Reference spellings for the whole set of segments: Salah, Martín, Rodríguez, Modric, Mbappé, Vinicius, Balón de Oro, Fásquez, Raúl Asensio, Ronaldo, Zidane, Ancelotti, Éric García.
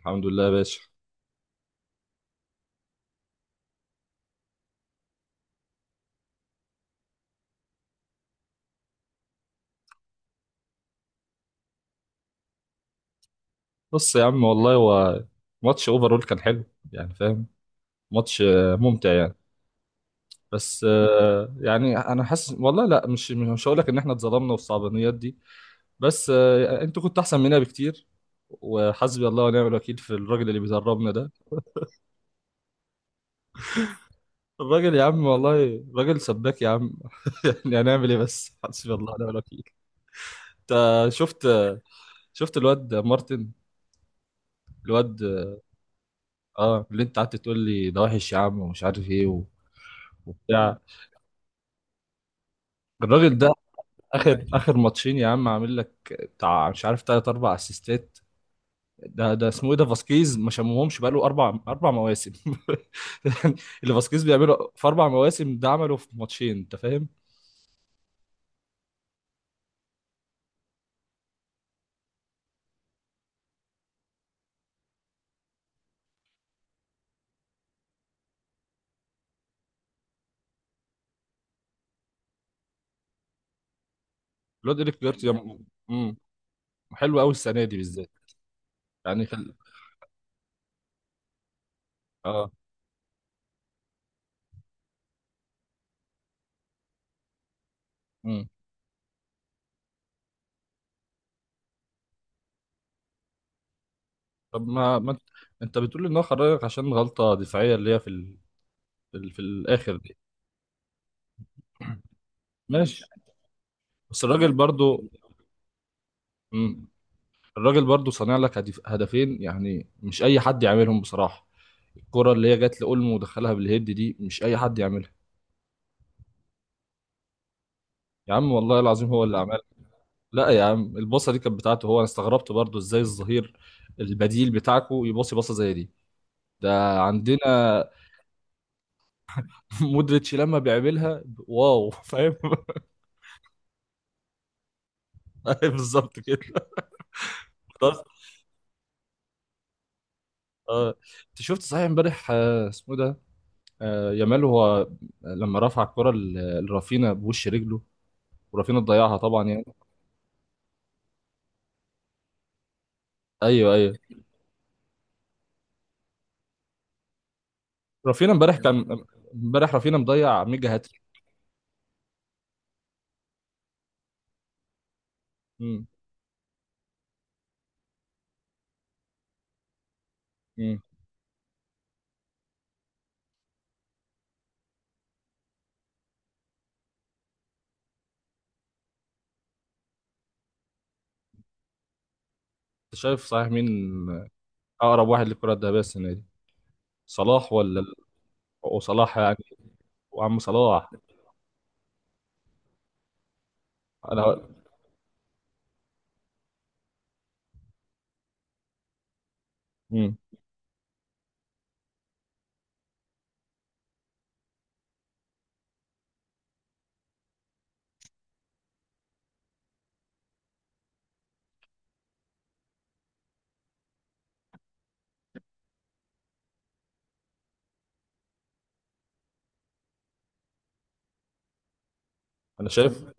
الحمد لله يا باشا. بص يا عم، والله هو ماتش اوفرول كان حلو. يعني فاهم؟ ماتش ممتع يعني. بس يعني انا حاسس والله، لا مش هقول لك ان احنا اتظلمنا والصعبانيات دي. بس انتوا كنتوا احسن مننا بكتير. وحسبي الله ونعم الوكيل في الراجل اللي بيدربنا ده. الراجل يا عم والله راجل سباك يا عم. يعني هنعمل ايه، بس حسبي الله ونعم الوكيل. انت شفت، شفت الواد مارتن الواد. اه، اللي انت قعدت تقول لي ده وحش يا عم ومش عارف ايه وبتاع، الراجل ده. اخر اخر ماتشين يا عم، عامل لك بتاع مش عارف تلات اربع اسيستات. ده اسمه ايه ده، فاسكيز، ما شمهمش بقاله اربع مواسم. يعني اللي فاسكيز بيعمله في 4 مواسم ده عمله في ماتشين، انت فاهم؟ الواد ايريك جارسيا مم. حلو قوي السنه دي بالذات. يعني اه. مم. طب ما انت انت بتقول ان هو خرجك عشان غلطه دفاعيه اللي هي في في الاخر دي. ماشي. بس الراجل برضو. مم. الراجل برضو صانع لك هدفين، يعني مش اي حد يعملهم بصراحه. الكرة اللي هي جت لأولمو ودخلها بالهيد دي مش أي حد يعملها. يا عم والله العظيم هو اللي عملها. لا يا عم، الباصة دي كانت بتاعته هو. أنا استغربت برضو إزاي الظهير البديل بتاعكو يباصي باصة زي دي. ده عندنا. مودريتش لما بيعملها، واو، فاهم. أيوة بالظبط كده. بس اه، انت شفت صحيح امبارح اسمه إيه ده، يامال، هو لما رفع الكرة لرافينا بوش رجله، ورافينا ضيعها طبعا يعني. ايوه، ايوه. رافينا امبارح كان، امبارح رافينا مضيع ميجا هاتريك. مم. انت شايف صحيح مين اقرب واحد للكره الذهبيه السنه دي، صلاح ولا؟ وصلاح يعني. وعم صلاح. انا. مم. انا شايف.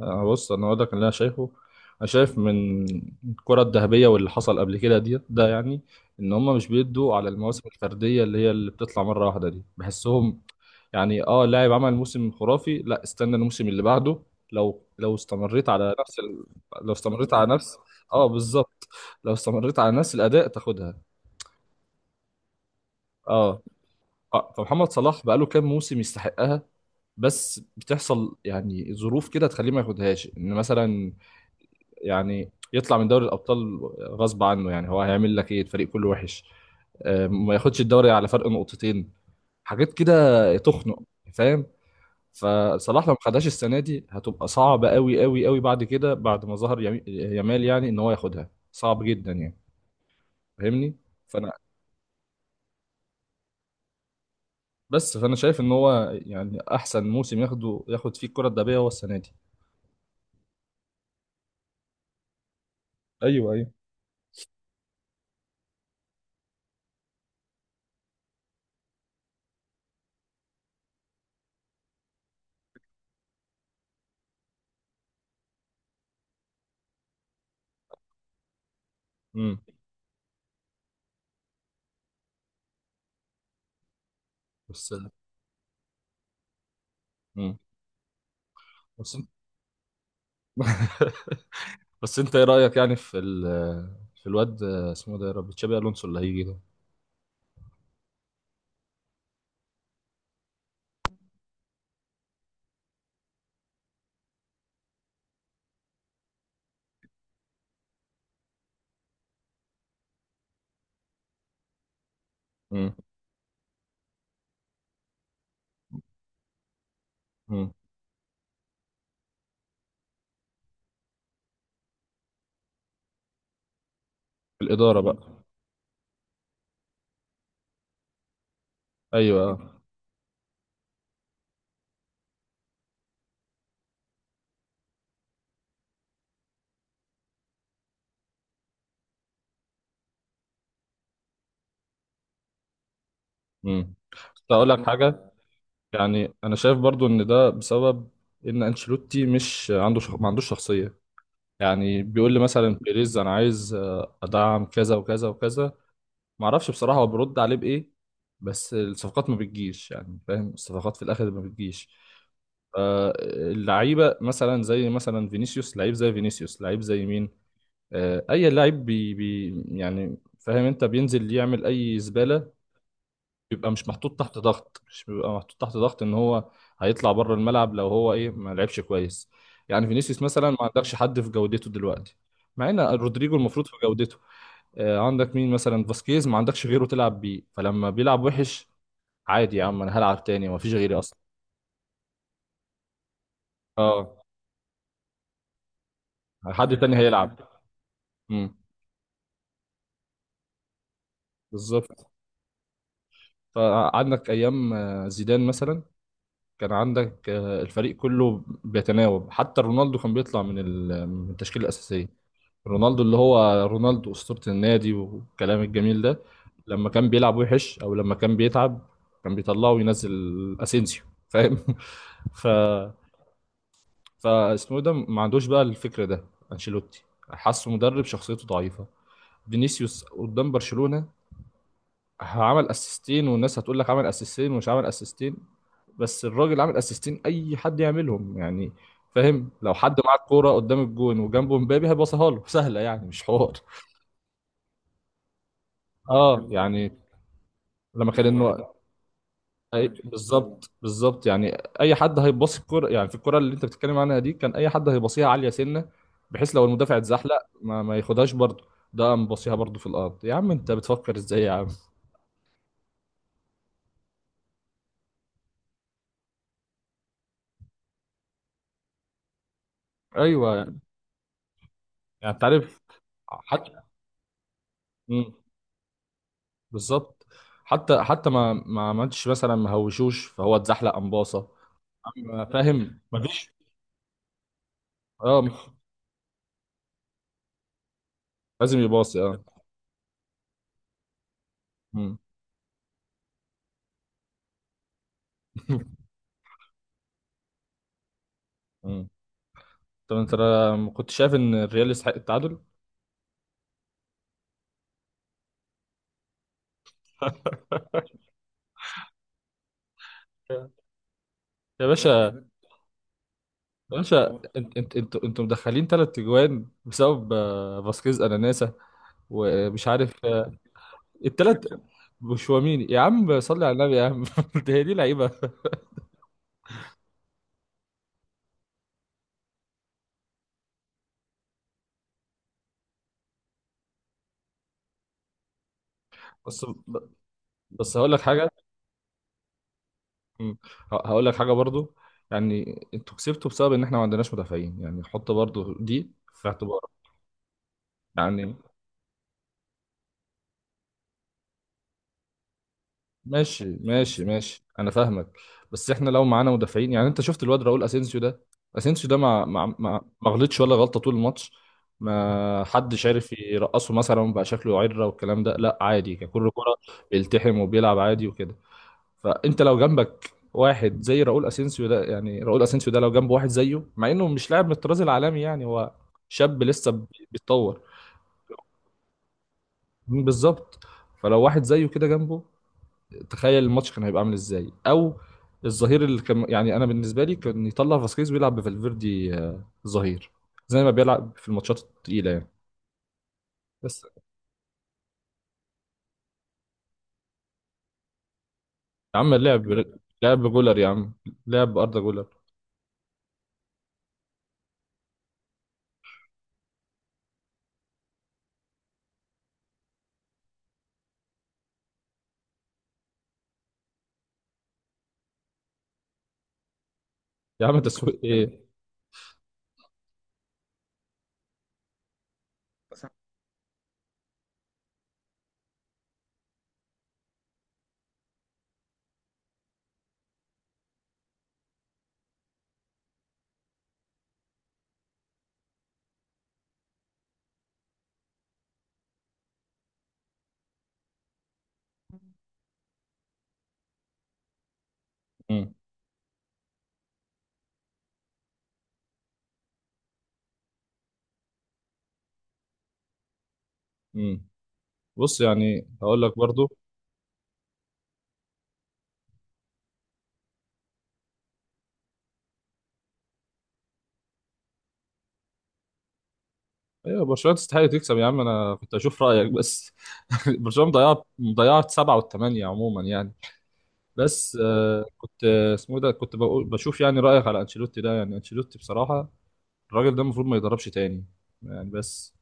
أنا بص، انا اقول لك اللي انا شايفه. انا شايف من الكره الذهبيه واللي حصل قبل كده دي، ده يعني ان هم مش بيدوا على المواسم الفرديه اللي هي اللي بتطلع مره واحده دي، بحسهم. يعني اه، لاعب عمل موسم خرافي، لا استنى الموسم اللي بعده. لو استمريت على نفس لو استمريت على نفس، اه بالظبط، لو استمريت على نفس الاداء تاخدها. اه. فمحمد صلاح بقاله كام موسم يستحقها، بس بتحصل يعني ظروف كده تخليه ما ياخدهاش، ان مثلا يعني يطلع من دوري الابطال غصب عنه، يعني هو هيعمل لك ايه، الفريق كله وحش. ما ياخدش الدوري على فرق نقطتين، حاجات كده تخنق، فاهم؟ فصلاح لو ما خدهاش السنه دي هتبقى صعبه قوي قوي قوي بعد كده، بعد ما ظهر يامال، يعني ان هو ياخدها صعب جدا يعني. فاهمني؟ فانا، بس فانا شايف ان هو يعني احسن موسم ياخده، ياخد فيه الكره الذهبيه هو السنه دي. ايوه، ايوه. امم. بس. امم. بس انت. بس انت ايه رايك يعني في في الواد اسمه ده، يا رب، تشابي الونسو اللي هيجي ده. امم. امم. في الاداره بقى. ايوه. امم. كنت اقول لك حاجه، يعني انا شايف برضو ان ده بسبب ان انشيلوتي مش عنده ما عندوش شخصيه. يعني بيقول لي مثلا بيريز انا عايز ادعم كذا وكذا وكذا، ما اعرفش بصراحه هو بيرد عليه بايه، بس الصفقات ما بتجيش. يعني فاهم، الصفقات في الاخر ما بتجيش. آه، اللعيبه مثلا، زي مثلا فينيسيوس، لعيب زي فينيسيوس لعيب زي مين؟ اي لعيب بي يعني، فاهم انت، بينزل يعمل اي زباله. بيبقى مش محطوط تحت ضغط، مش بيبقى محطوط تحت ضغط ان هو هيطلع بره الملعب لو هو ايه ما لعبش كويس. يعني فينيسيوس مثلا ما عندكش حد في جودته دلوقتي، مع ان رودريجو المفروض في جودته. عندك مين مثلا؟ فاسكيز، ما عندكش غيره تلعب بيه، فلما بيلعب وحش عادي، يا عم انا هلعب تاني، ما فيش غيري اصلا. اه، حد تاني هيلعب. امم. بالظبط. فعندك ايام زيدان مثلا، كان عندك الفريق كله بيتناوب، حتى رونالدو كان بيطلع من من التشكيله الاساسيه. رونالدو، اللي هو رونالدو اسطوره النادي والكلام الجميل ده، لما كان بيلعب وحش او لما كان بيتعب كان بيطلعه وينزل اسينسيو، فاهم؟ ف فاسمه إيه ده، ما عندوش بقى الفكر ده، انشيلوتي. حاسه مدرب شخصيته ضعيفه. فينيسيوس قدام برشلونه عمل اسيستين، والناس هتقول لك عمل اسيستين ومش عمل اسيستين، بس الراجل عمل اسيستين، اي حد يعملهم يعني. فاهم؟ لو حد معاه الكوره قدام الجون وجنبه مبابي هيباصيها له، سهله يعني، مش حوار. اه يعني، لما كان انه، بالظبط، بالظبط يعني. اي حد هيباصي الكوره يعني، في الكوره اللي انت بتتكلم عنها دي كان اي حد هيباصيها عاليه سنه، بحيث لو المدافع اتزحلق ما ياخدهاش برضه. ده قام باصيها برضه في الارض، يا عم انت بتفكر ازاي يا عم؟ ايوه يعني. انت عارف، حتى، بالظبط. حتى ما عملتش مثلا، ما هوشوش فهو اتزحلق أمباصة. أما فاهم؟ مفيش. اه، لازم يباصي اه. مم. مم. طب انت ما كنت شايف ان الريال يستحق التعادل؟ يا باشا، يا باشا انت انتوا مدخلين 3 اجوان بسبب فاسكيز اناناسا ومش عارف التلات، وشواميني. يا عم صلي على النبي يا عم، ده هي دي لعيبه. بس بس هقول لك حاجه. مم. هقول لك حاجه برضو، يعني انتوا كسبتوا بسبب ان احنا ما عندناش مدافعين، يعني حط برضو دي في اعتبارك. يعني ماشي ماشي ماشي، انا فاهمك. بس احنا لو معانا مدافعين، يعني انت شفت الواد راؤول اسينسيو ده، اسينسيو ده ما غلطش ولا غلطه طول الماتش، ما حدش عارف يرقصه مثلا بقى شكله عره والكلام ده، لا عادي ككل كره بيلتحم وبيلعب عادي وكده. فانت لو جنبك واحد زي راؤول اسينسيو ده، يعني راؤول اسينسيو ده لو جنب واحد زيه، مع انه مش لاعب من الطراز العالمي، يعني هو شاب لسه بيتطور. بالظبط. فلو واحد زيه كده جنبه، تخيل الماتش كان هيبقى عامل ازاي. او الظهير اللي كان، يعني انا بالنسبه لي كان يطلع فاسكيز ويلعب بفالفيردي ظهير، زي ما بيلعب في الماتشات التقيله يعني. بس يا عم لعب، لعب جولر يا عم، لعب اردا جولر. يا عم تسويق ايه؟ مم. مم. بص يعني هقول لك برضو، ايوه برشلونه تستحق تكسب يا عم، انا كنت اشوف رايك بس. برشلونه مضيعه مضيعه 7 والـ8 عموما يعني. بس كنت اسمه إيه ده، كنت بقول بشوف يعني رايك على انشيلوتي ده، يعني انشيلوتي بصراحه الراجل ده المفروض ما يدربش تاني. يعني بس،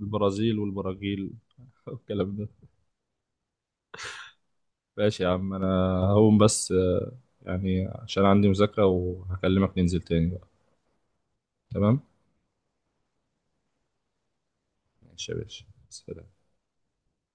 البرازيل والبراجيل، والكلام ده. ماشي يا عم، انا هقوم بس، يعني عشان عندي مذاكره، وهكلمك ننزل تاني بقى. تمام. ماشي يا باشا. سلام.